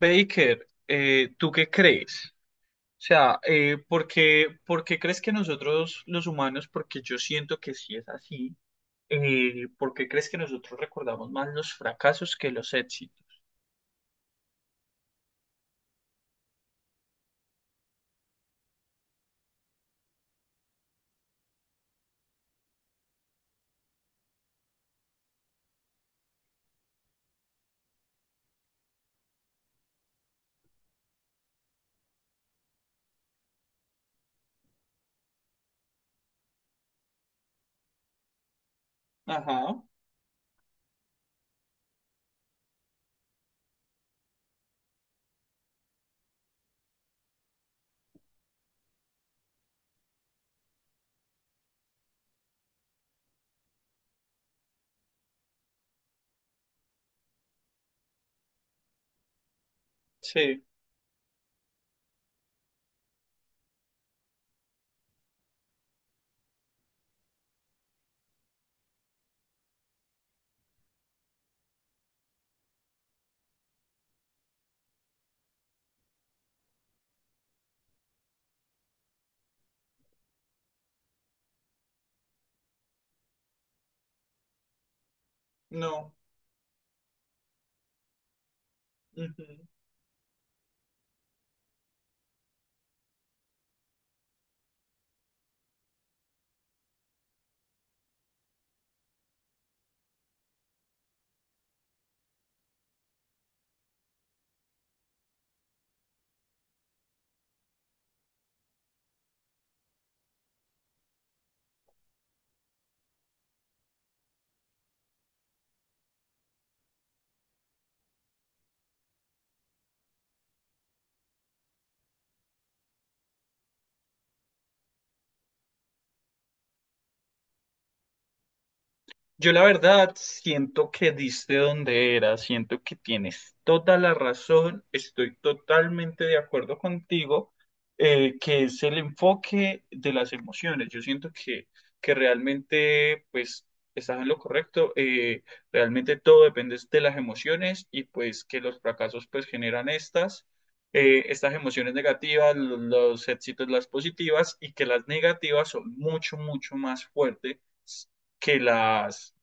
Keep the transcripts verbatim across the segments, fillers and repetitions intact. Baker, eh, ¿tú qué crees? O sea, eh, ¿por qué, por qué crees que nosotros los humanos, porque yo siento que sí es así, eh, ¿por qué crees que nosotros recordamos más los fracasos que los éxitos? Ajá, sí, no. Ujú. Yo la verdad siento que diste donde era, siento que tienes toda la razón, estoy totalmente de acuerdo contigo, eh, que es el enfoque de las emociones. Yo siento que, que realmente pues estás en lo correcto, eh, realmente todo depende de las emociones y pues que los fracasos pues generan estas, eh, estas emociones negativas, lo- los éxitos las positivas y que las negativas son mucho, mucho más fuertes que las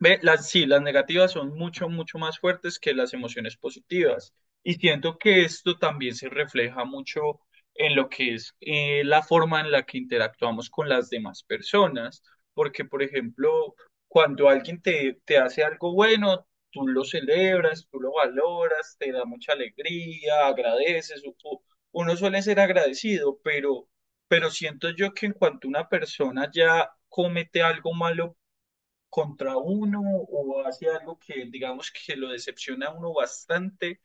Ve, las, sí, las negativas son mucho, mucho más fuertes que las emociones positivas. Y siento que esto también se refleja mucho en lo que es eh, la forma en la que interactuamos con las demás personas. Porque, por ejemplo, cuando alguien te, te hace algo bueno, tú lo celebras, tú lo valoras, te da mucha alegría, agradeces. u- u- Uno suele ser agradecido, pero, pero siento yo que en cuanto una persona ya comete algo malo, contra uno o hace algo que digamos que lo decepciona a uno bastante,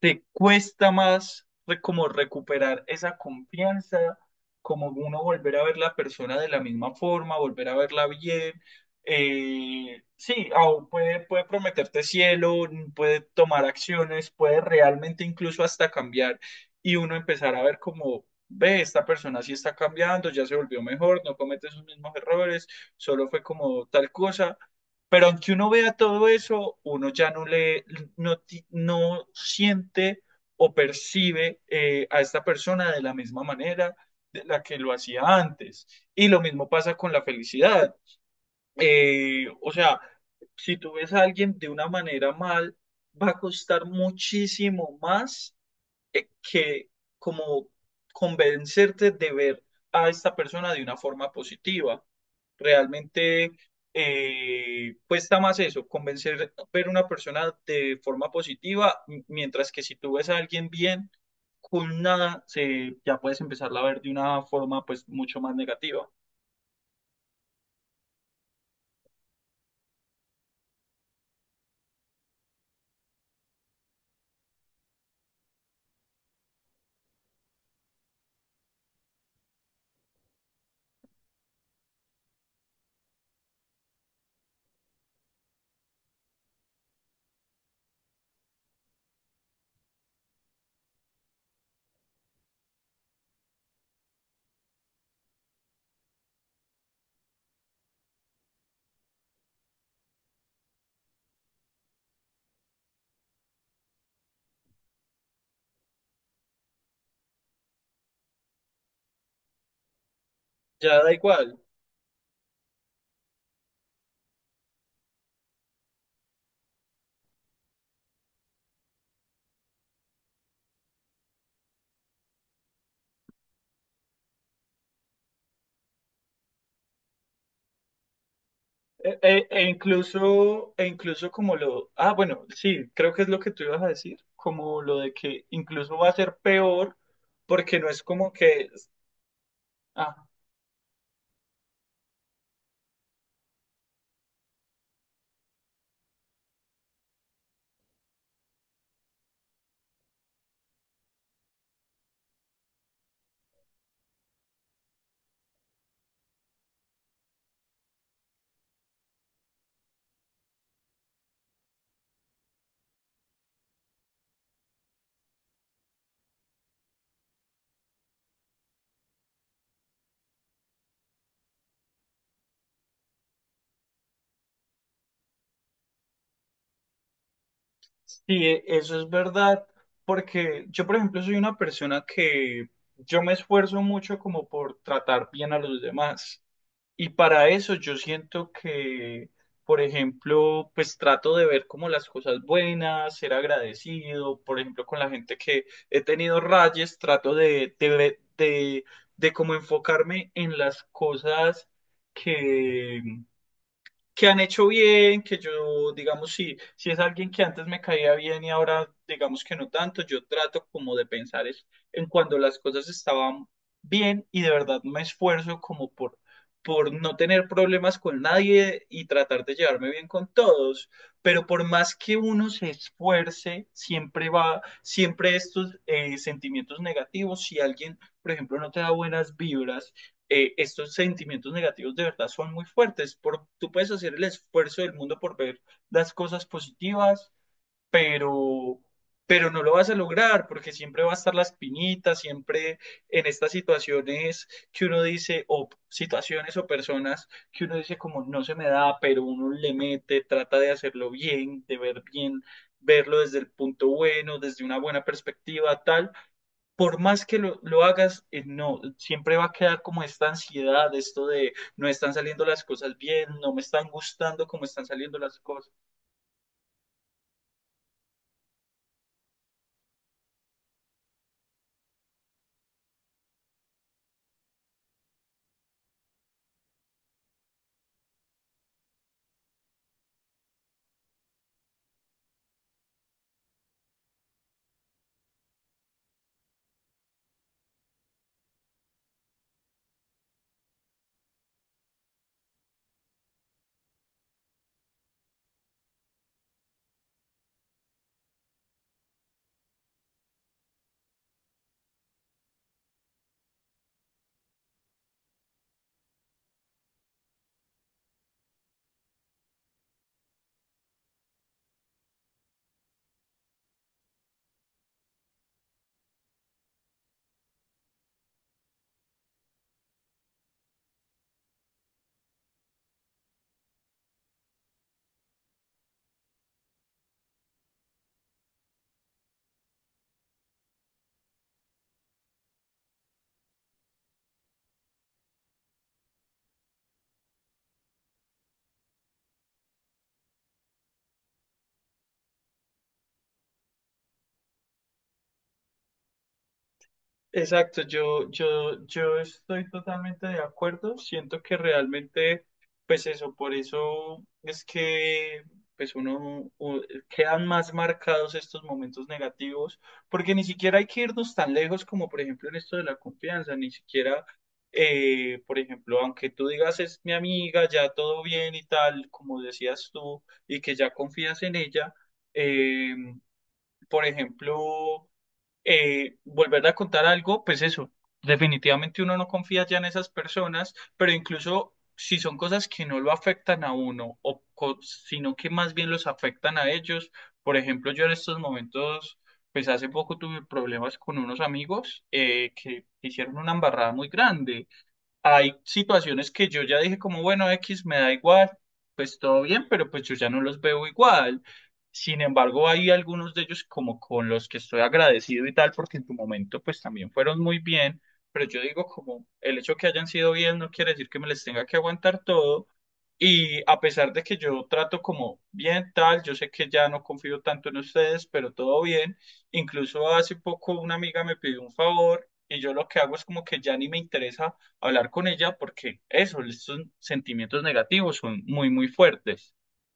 te cuesta más re- como recuperar esa confianza, como uno volver a ver la persona de la misma forma, volver a verla bien. Eh, sí, au- puede, puede prometerte cielo, puede tomar acciones, puede realmente incluso hasta cambiar y uno empezar a ver como, ve, esta persona sí está cambiando, ya se volvió mejor, no comete sus mismos errores, solo fue como tal cosa, pero aunque uno vea todo eso, uno ya no le, no, ti- no siente o percibe eh, a esta persona de la misma manera de la que lo hacía antes. Y lo mismo pasa con la felicidad. Eh, o sea, si tú ves a alguien de una manera mal, va a costar muchísimo más eh, que como convencerte de ver a esta persona de una forma positiva. Realmente eh, cuesta más eso, convencer ver una persona de forma positiva, m- mientras que si tú ves a alguien bien, con nada, se, ya puedes empezarla a ver de una forma pues mucho más negativa. Ya da igual. E, e- e incluso, e incluso como lo, ah, bueno, sí, creo que es lo que tú ibas a decir, como lo de que incluso va a ser peor, porque no es como que, ah, sí, e- eso es verdad, porque yo, por ejemplo, soy una persona que yo me esfuerzo mucho como por tratar bien a los demás. Y para eso yo siento que, por ejemplo, pues trato de ver como las cosas buenas, ser agradecido, por ejemplo, con la gente que he tenido rayes, trato de, de, ve- de, de como enfocarme en las cosas que, que han hecho bien, que yo, digamos, si, si es alguien que antes me caía bien y ahora, digamos que no tanto, yo trato como de pensar es en cuando las cosas estaban bien y de verdad me esfuerzo como por, por no tener problemas con nadie y tratar de llevarme bien con todos. Pero por más que uno se esfuerce, siempre va, siempre estos eh, sentimientos negativos, si alguien, por ejemplo, no te da buenas vibras, eh, estos sentimientos negativos de verdad son muy fuertes. Por, tú puedes hacer el esfuerzo del mundo por ver las cosas positivas, pero, pero no lo vas a lograr porque siempre va a estar la espinita, siempre en estas situaciones que uno dice, o situaciones o personas que uno dice como no se me da, pero uno le mete, trata de hacerlo bien, de ver bien, verlo desde el punto bueno, desde una buena perspectiva, tal. Por más que lo, lo hagas, eh, no, siempre va a quedar como esta ansiedad, esto de no están saliendo las cosas bien, no me están gustando cómo están saliendo las cosas. Exacto, yo, yo, yo estoy totalmente de acuerdo. Siento que realmente, pues eso, por eso es que pues uno u- quedan más marcados estos momentos negativos, porque ni siquiera hay que irnos tan lejos como por ejemplo en esto de la confianza, ni siquiera, eh, por ejemplo, aunque tú digas es mi amiga, ya todo bien y tal, como decías tú, y que ya confías en ella, eh, por ejemplo, eh, volverle a contar algo, pues eso, definitivamente uno no confía ya en esas personas, pero incluso si son cosas que no lo afectan a uno, o co- sino que más bien los afectan a ellos. Por ejemplo, yo en estos momentos, pues hace poco tuve problemas con unos amigos eh, que hicieron una embarrada muy grande. Hay situaciones que yo ya dije como, bueno, X me da igual, pues todo bien, pero pues yo ya no los veo igual. Sin embargo, hay algunos de ellos como con los que estoy agradecido y tal, porque en tu momento pues también fueron muy bien, pero yo digo como el hecho que hayan sido bien no quiere decir que me les tenga que aguantar todo. Y a pesar de que yo trato como bien tal, yo sé que ya no confío tanto en ustedes, pero todo bien. Incluso hace poco una amiga me pidió un favor y yo lo que hago es como que ya ni me interesa hablar con ella porque eso, estos sentimientos negativos son muy, muy fuertes.